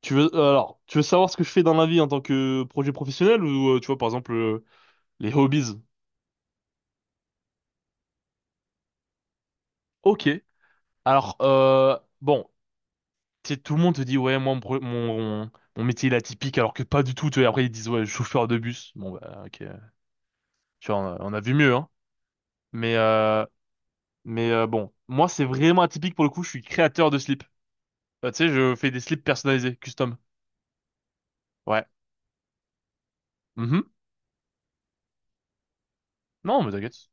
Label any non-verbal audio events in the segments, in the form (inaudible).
Tu veux alors, tu veux savoir ce que je fais dans la vie en tant que projet professionnel ou tu vois par exemple, les hobbies? Ok. Alors bon, tu sais, tout le monde te dit ouais moi mon, pro- mon mon métier il est atypique alors que pas du tout. Tu vois, après ils disent ouais chauffeur de bus. Bon bah ok. Tu vois on a vu mieux, hein. Mais euh, mais bon moi c'est vraiment atypique pour le coup. Je suis créateur de slips. Tu sais je fais des slips personnalisés custom. Ouais. Mhm. Non mais t'inquiète.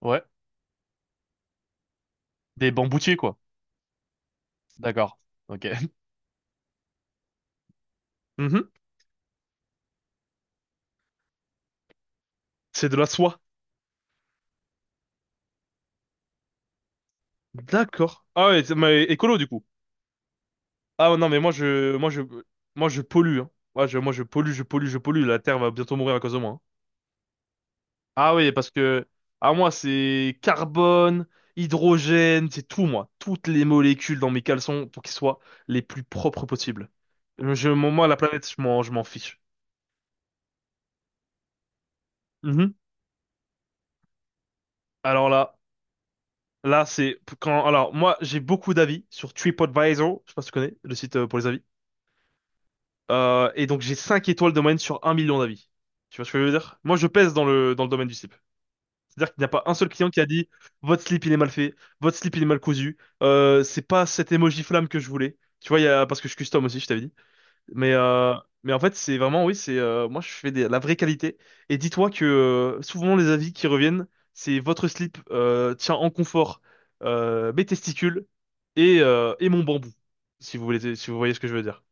Ouais. Des bamboutiers, quoi. D'accord. Ok. (laughs) Mhm. C'est de la soie. D'accord. Ah ouais, mais écolo du coup. Ah ouais, non, mais moi je pollue, hein. Moi je pollue, je pollue, je pollue. La Terre va bientôt mourir à cause de moi, hein. Ah oui, parce que à moi c'est carbone, hydrogène, c'est tout moi. Toutes les molécules dans mes caleçons pour qu'ils soient les plus propres possibles. Moi la planète, je m'en fiche. Mhm. Alors là, là c'est quand. Alors moi j'ai beaucoup d'avis sur TripAdvisor. Je sais pas si tu connais le site, pour les avis. Et donc j'ai 5 étoiles de moyenne sur 1 million d'avis. Tu vois ce que je veux dire? Moi je pèse dans le domaine du slip. C'est-à-dire qu'il n'y a pas un seul client qui a dit votre slip il est mal fait, votre slip il est mal cousu, c'est pas cet emoji flamme que je voulais. Tu vois, parce que je custom aussi, je t'avais dit. Mais, euh, mais en fait, c'est vraiment, oui, c'est, moi je fais la vraie qualité. Et dis-toi que souvent les avis qui reviennent, c'est votre slip tient en confort mes testicules et mon bambou, si vous voulez, si vous voyez ce que je veux dire.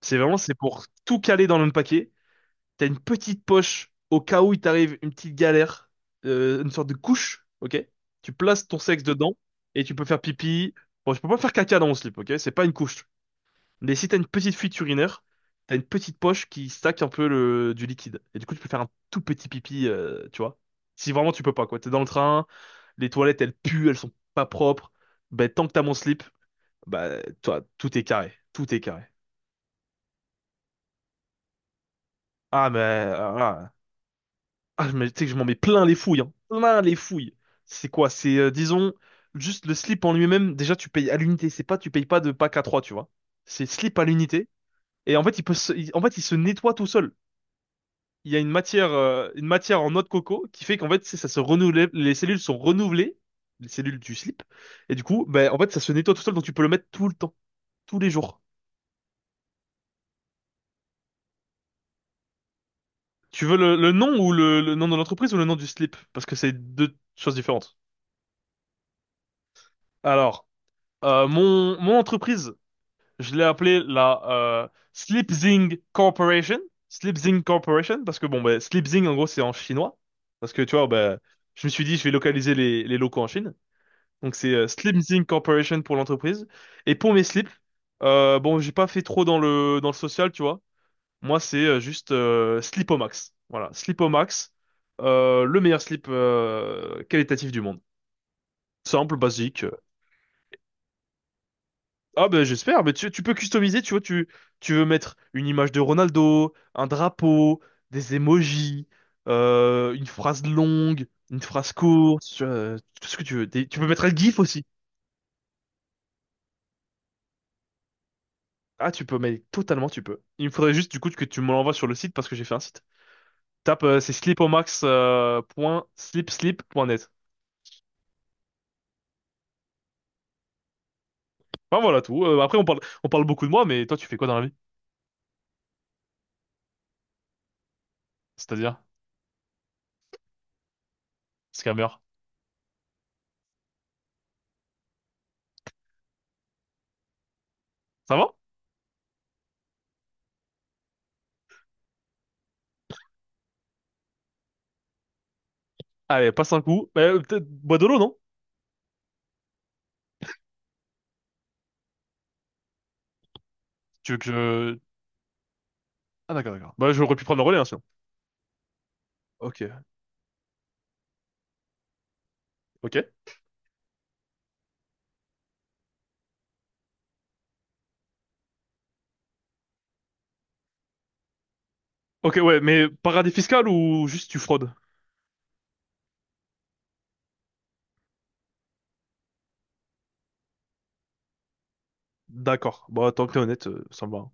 C'est vraiment, c'est pour tout caler dans le même paquet. T'as une petite poche au cas où il t'arrive une petite galère, une sorte de couche, ok? Tu places ton sexe dedans et tu peux faire pipi. Bon, je peux pas faire caca dans mon slip, ok? C'est pas une couche. Mais si t'as une petite fuite urinaire, t'as une petite poche qui stack un peu du liquide. Et du coup, tu peux faire un tout petit pipi, tu vois? Si vraiment tu peux pas, quoi. T'es dans le train, les toilettes, elles puent, elles sont pas propres. Ben, tant que t'as mon slip, bah, toi, tout est carré. Tout est carré. Ah, mais... ah, Ah, mais tu sais que je m'en mets plein les fouilles, hein. Plein les fouilles. C'est quoi? C'est, disons, juste le slip en lui-même, déjà tu payes à l'unité, c'est pas, tu payes pas de pack à 3, tu vois. C'est slip à l'unité, et en fait, il peut se, il- en fait, il se nettoie tout seul. Il y a une matière en noix de coco qui fait qu'en fait, ça se renouvelle, les cellules sont renouvelées, les cellules du slip, et du coup, ben, en fait, ça se nettoie tout seul, donc tu peux le mettre tout le temps, tous les jours. Tu veux le nom ou le nom de l'entreprise ou le nom du slip? Parce que c'est deux choses différentes. Alors, mon entreprise, je l'ai appelé la Sleepzing Corporation. Sleepzing Corporation, parce que bon, ben, Sleepzing, en gros, c'est en chinois. Parce que tu vois, ben, je me suis dit, je vais localiser les locaux en Chine. Donc c'est Sleepzing Corporation pour l'entreprise. Et pour mes slips, bon, j'ai pas fait trop dans le social, tu vois. Moi, c'est juste Slipomax. Voilà, Slipomax, le meilleur slip qualitatif du monde. Simple, basique. Ah ben j'espère, mais tu peux customiser, tu vois, tu veux mettre une image de Ronaldo, un drapeau, des emojis, une phrase longue, une phrase courte, tu vois, tout ce que tu veux. Tu peux mettre un GIF aussi. Ah tu peux, mais totalement tu peux. Il me faudrait juste du coup que tu me l'envoies sur le site parce que j'ai fait un site. Tape, c'est slipomax.slipslip.net. Enfin voilà tout. Après on parle beaucoup de moi, mais toi tu fais quoi dans la vie? C'est-à-dire, scammer. Ça va? Allez, passe un coup. Peut-être bois de l'eau, non? Tu veux que je. Ah d'accord, d'accord. Bah, j'aurais pu prendre le relais, hein, sinon. Ok, ok. Ok, ouais, mais paradis fiscal ou juste tu fraudes? D'accord. Bah, tant que t'es honnête, ça me va.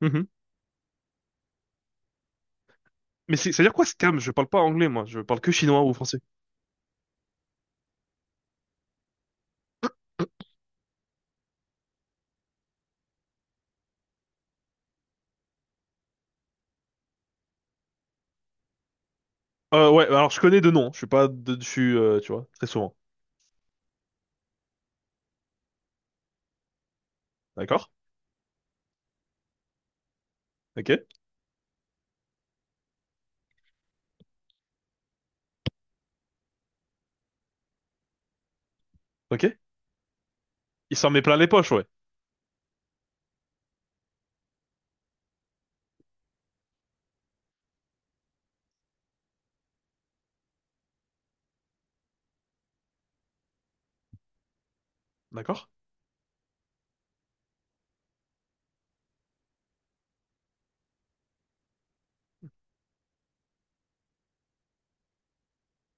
Mhm. Mais c'est-à-dire quoi, scam? Je parle pas anglais, moi. Je parle que chinois ou français. Ouais, alors je connais deux noms. Je suis pas de dessus, tu vois, très souvent. D'accord? Ok, ok. Il s'en met plein les poches, ouais. D'accord?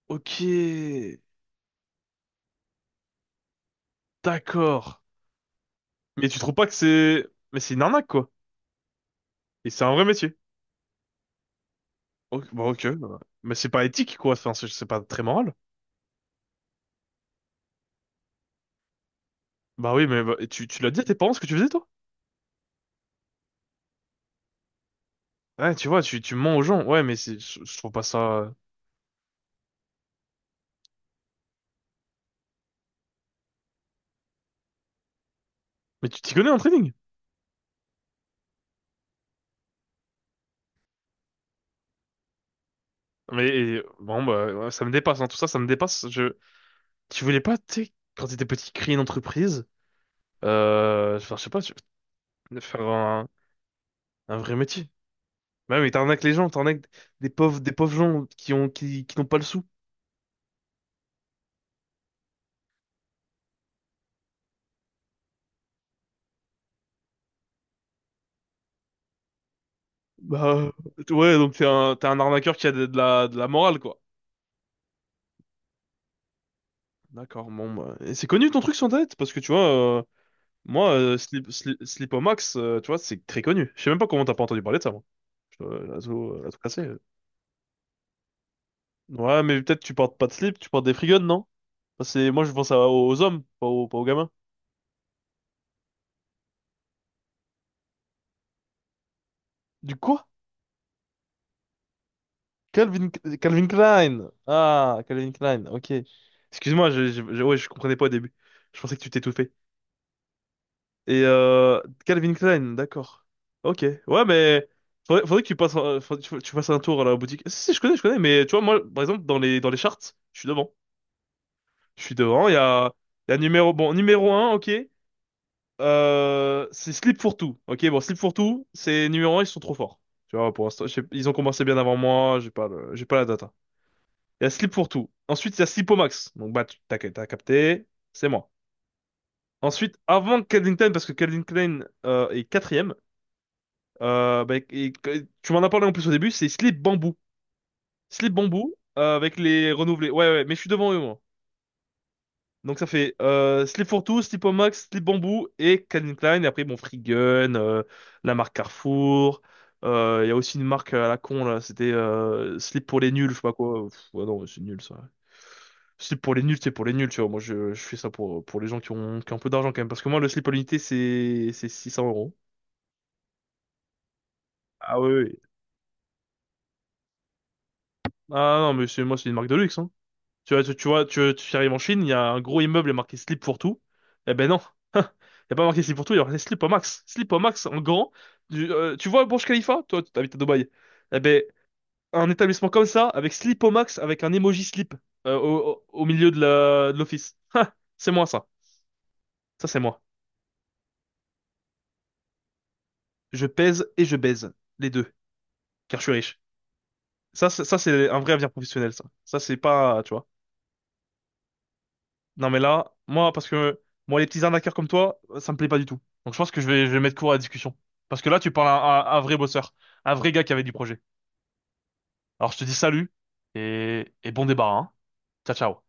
Ok, d'accord. Mais tu trouves pas que c'est. Mais c'est une arnaque, quoi. Et c'est un vrai métier. Ok, bah, ok, bah. Mais c'est pas éthique, quoi. Enfin, c'est pas très moral. Bah oui, mais bah, tu l'as dit à tes parents ce que tu faisais, toi? Ouais, tu vois, tu mens aux gens. Ouais, mais je trouve pas ça. Mais tu t'y connais en trading. Mais bon, bah, ouais, ça me dépasse, hein. Tout ça, ça me dépasse. Tu voulais pas, tu sais, quand t'étais petit, créer une entreprise, enfin, je sais pas, faire un vrai métier. Bah, oui, mais t'arnaques les gens, t'arnaques des pauvres gens qui n'ont pas le sou. Bah, ouais, donc t'es un arnaqueur qui a de la morale, quoi. D'accord, bon, bah, et c'est connu ton truc sur internet, parce que tu vois. euh, Moi, Slipomax, tu vois, c'est très connu. Je sais même pas comment t'as pas entendu parler de ça, moi. Je dois- la zo cassée. Ouais, mais peut-être tu portes pas de slip, tu portes des free guns, non? Parce que moi, je pense aux hommes, pas aux gamins. Du quoi? Calvin, Calvin Klein. Ah, Calvin Klein, ok. Excuse-moi, ouais, je comprenais pas au début. Je pensais que tu t'étouffais. Et Calvin Klein, d'accord. Ok. Ouais, mais faudrait que tu fasses un tour à la boutique. Si, si, je connais, mais tu vois, moi, par exemple, dans les charts, je suis devant. Je suis devant. Il y a numéro, bon, numéro un, ok. C'est Slip for Two. Ok, bon, Slip for Two, c'est numéro un, ils sont trop forts. Tu vois, pour l'instant, ils ont commencé bien avant moi, j'ai pas la data. Il y a Slip for Two. Ensuite, il y a Sleepomax. Donc, bah, t'as capté, c'est moi. Ensuite, avant Calvin Klein, parce que Calvin Klein est quatrième, bah, tu m'en as parlé en plus au début, c'est Slip Bamboo. Slip Bamboo, avec les renouvelés. Ouais, ouais, mais je suis devant eux, moi. Donc ça fait Slip for Two, Slip Max, Slip Bamboo et Calvin Klein. Et après, bon, Free Gun, la marque Carrefour. Il y a aussi une marque à la con, là. C'était Slip pour les nuls, je sais pas quoi. Pff, ouais, non, c'est nul, ça. Slip pour les nuls, c'est pour les nuls, tu vois. Moi, je fais ça pour les gens qui ont un peu d'argent, quand même. Parce que moi, le slip à l'unité, c'est 600 euros. Ah oui, oui. Ah non, mais c'est moi, c'est une marque de luxe, hein. Tu vois, tu arrives en Chine, il y a un gros immeuble marqué slip pour tout. Eh ben non. (laughs) Il n'y a pas marqué slip pour tout, il y a marqué slip au max. Slip au max en grand. Tu vois Burj Khalifa? Toi, tu habites à Dubaï. Eh ben, un établissement comme ça, avec slip au max, avec un emoji slip au milieu de l'office. (laughs) C'est moi, ça. Ça, c'est moi. Je pèse et je baise. Les deux. Car je suis riche. Ça, c'est un vrai avenir professionnel, ça. Ça, c'est pas, tu vois. Non mais là, moi, parce que moi, les petits arnaqueurs comme toi, ça me plaît pas du tout. Donc je pense que je vais mettre court à la discussion. Parce que là, tu parles à un vrai bosseur, un vrai gars qui avait du projet. Alors je te dis salut et bon débarras, hein. Ciao, ciao.